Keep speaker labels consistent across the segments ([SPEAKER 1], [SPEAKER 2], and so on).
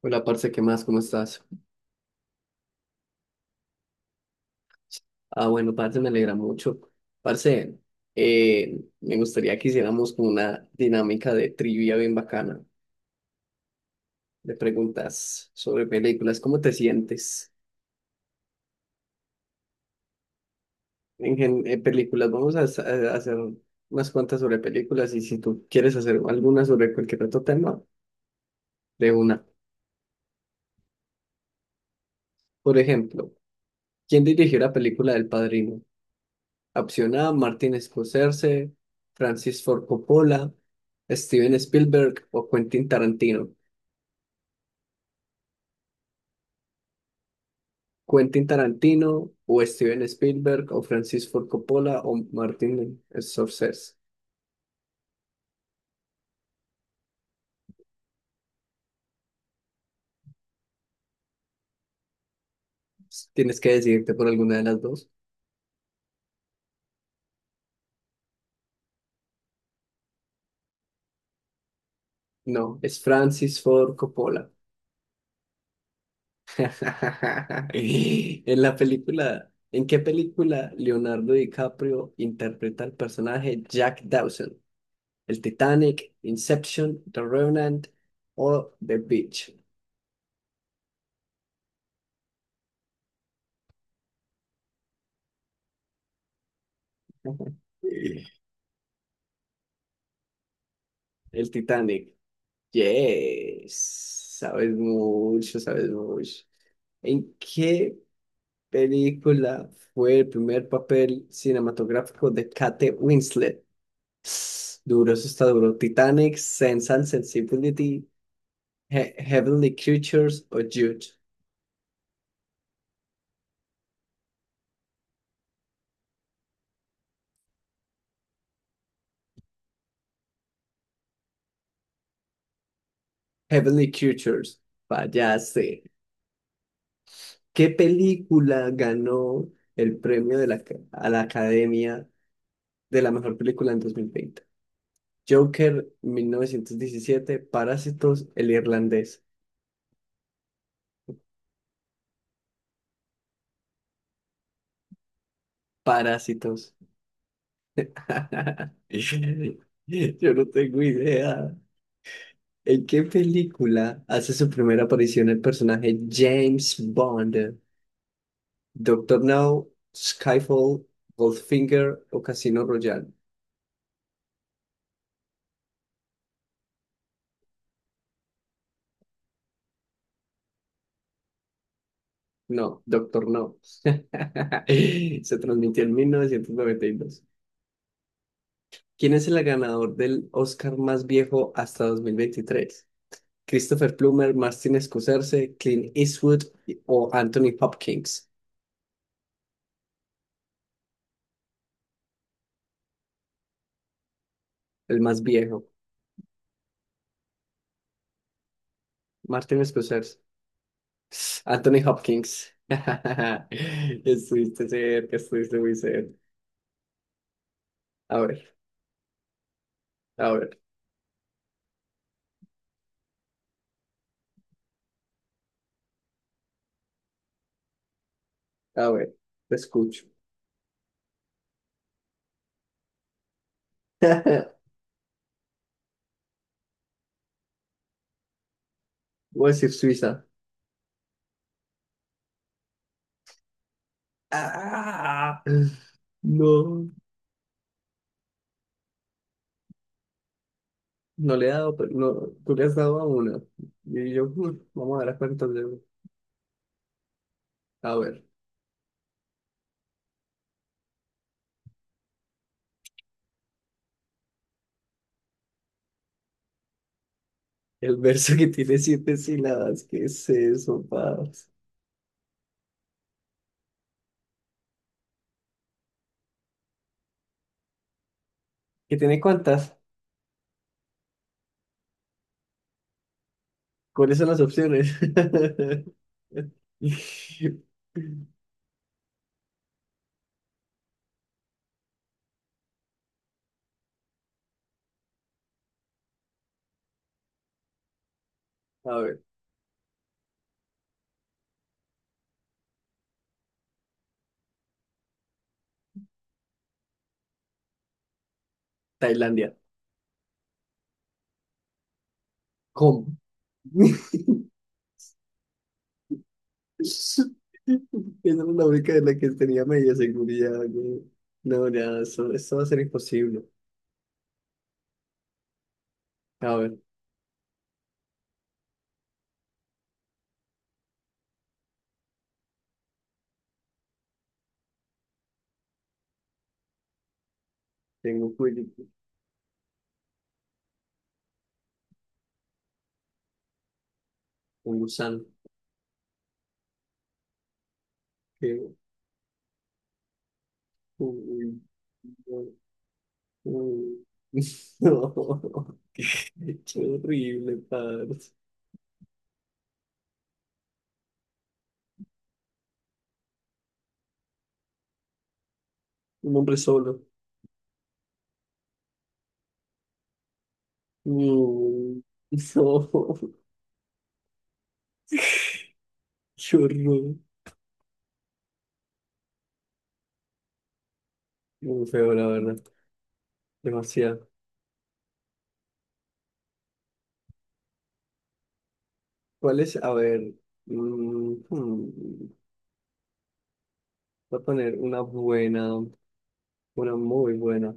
[SPEAKER 1] Hola, parce, ¿qué más? ¿Cómo estás? Ah, bueno, parce, me alegra mucho. Parce, me gustaría que hiciéramos como una dinámica de trivia bien bacana, de preguntas sobre películas. ¿Cómo te sientes en, en películas? Vamos a, a hacer unas cuantas sobre películas y si tú quieres hacer alguna sobre cualquier otro tema, de una. Por ejemplo, ¿quién dirigió la película del Padrino? Opción A, Martin Scorsese, Francis Ford Coppola, Steven Spielberg o Quentin Tarantino. Quentin Tarantino o Steven Spielberg o Francis Ford Coppola o Martin Scorsese. Tienes que decidirte por alguna de las dos. No, es Francis Ford Coppola. En la película, ¿en qué película Leonardo DiCaprio interpreta al personaje Jack Dawson? El Titanic, Inception, The Revenant o The Beach. El Titanic. Yes. Sabes mucho, sabes mucho. ¿En qué película fue el primer papel cinematográfico de Kate Winslet? Duro, eso está duro. Titanic, Sense and Sensibility, Heavenly Creatures o Jude. Heavenly Creatures. Fallaste. ¿Qué película ganó el premio de la, a la Academia de la mejor película en 2020? Joker, 1917, Parásitos, El Irlandés. Parásitos. Yo no tengo idea. ¿En qué película hace su primera aparición el personaje James Bond? Doctor No, Skyfall, Goldfinger o Casino Royale. No, Doctor No. Se transmitió en 1992. ¿Quién es el ganador del Oscar más viejo hasta 2023? Christopher Plummer, Martin Scorsese, Clint Eastwood o Anthony Hopkins, el más viejo. Martin Scorsese. Anthony Hopkins. Estuviste cerca, estuviste muy cerca. A ver, a ver, a ver, te escucho. Voy a decir Suiza. Ah, no. No le he dado, pero no, tú le has dado a una. Y yo, "Mm, vamos a dar cuántas de A ver, el verso que tiene siete sílabas, ¿qué es eso, paz? ¿Que tiene cuántas? ¿Cuáles son las opciones? A ver, Tailandia. ¿Cómo? Esa era la única de la que tenía media seguridad, güey. No, ya, eso va a ser imposible. A ver, tengo un gusano. Que, uy, no. Mm, No, qué horrible, padre. Un hombre solo. Mm, no, qué horror. Muy feo, la verdad. Demasiado. ¿Cuál es? A ver. mm, hmm, Voy a poner una buena, una muy buena.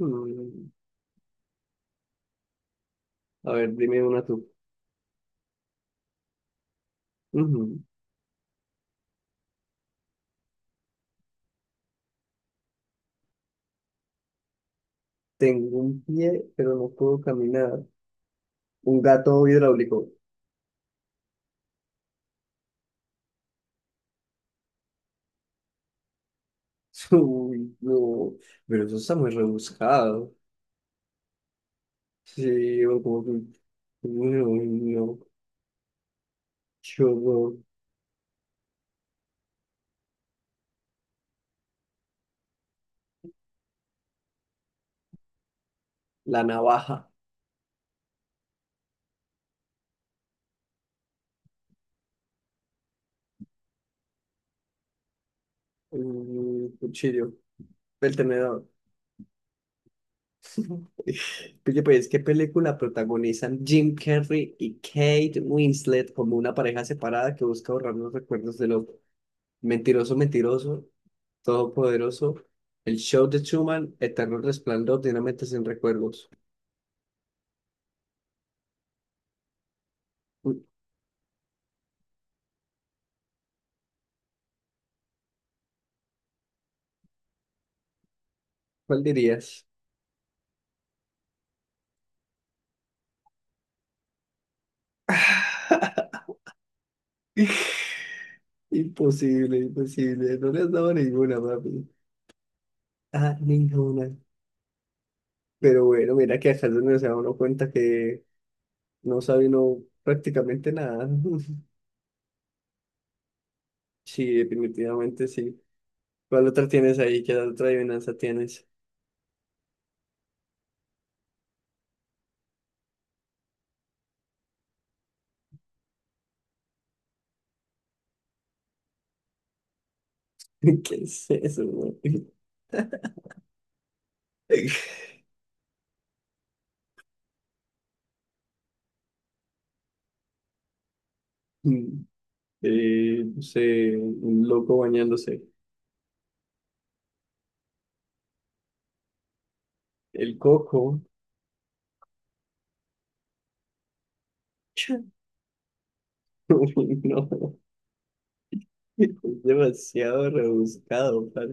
[SPEAKER 1] Mm, A ver, dime una tú. Ujú. Tengo un pie, pero no puedo caminar. Un gato hidráulico. Uy, no. Pero eso está muy rebuscado. Sí, yo como que, bueno, no, yo no, la navaja, un cuchillo, el tenedor. Oye, pues, ¿qué película protagonizan Jim Carrey y Kate Winslet como una pareja separada que busca borrar los recuerdos de los mentiroso, mentiroso, todopoderoso, el show de Truman, eterno resplandor de una mente sin recuerdos? Uy, ¿cuál dirías? Imposible, imposible, no le has dado ninguna, papi. Ah, ninguna. Pero bueno, mira que acá es donde se da uno cuenta que no sabe uno prácticamente nada. Sí, definitivamente sí. ¿Cuál otra tienes ahí? ¿Qué otra adivinanza tienes? ¿Qué es eso, güey? Mm, no sé, un loco bañándose. El coco. Uy, no, es demasiado rebuscado, para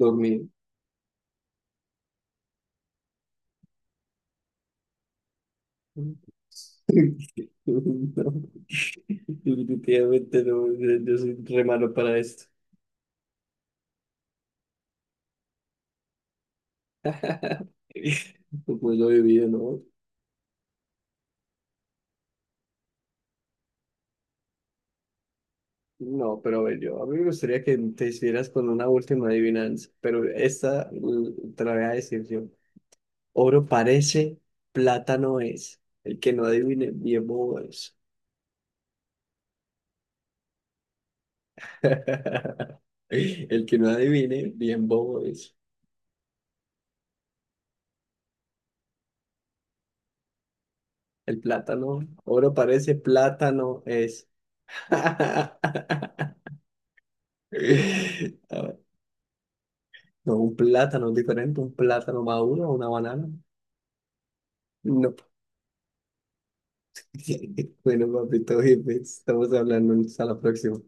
[SPEAKER 1] dormir. No, definitivamente no, yo soy re malo para esto. Pues lo vivido, ¿no? No, pero a ver, yo, a mí me gustaría que te hicieras con una última adivinanza, pero esta te la voy a decir yo. Oro parece, plata no es. El que no adivine, bien bobo es. El que no adivine, bien bobo es. El plátano, oro parece, plátano es. A ver, no, un plátano es diferente, un plátano maduro, una banana. No. Bueno, papito, jefe, estamos hablando hasta la próxima.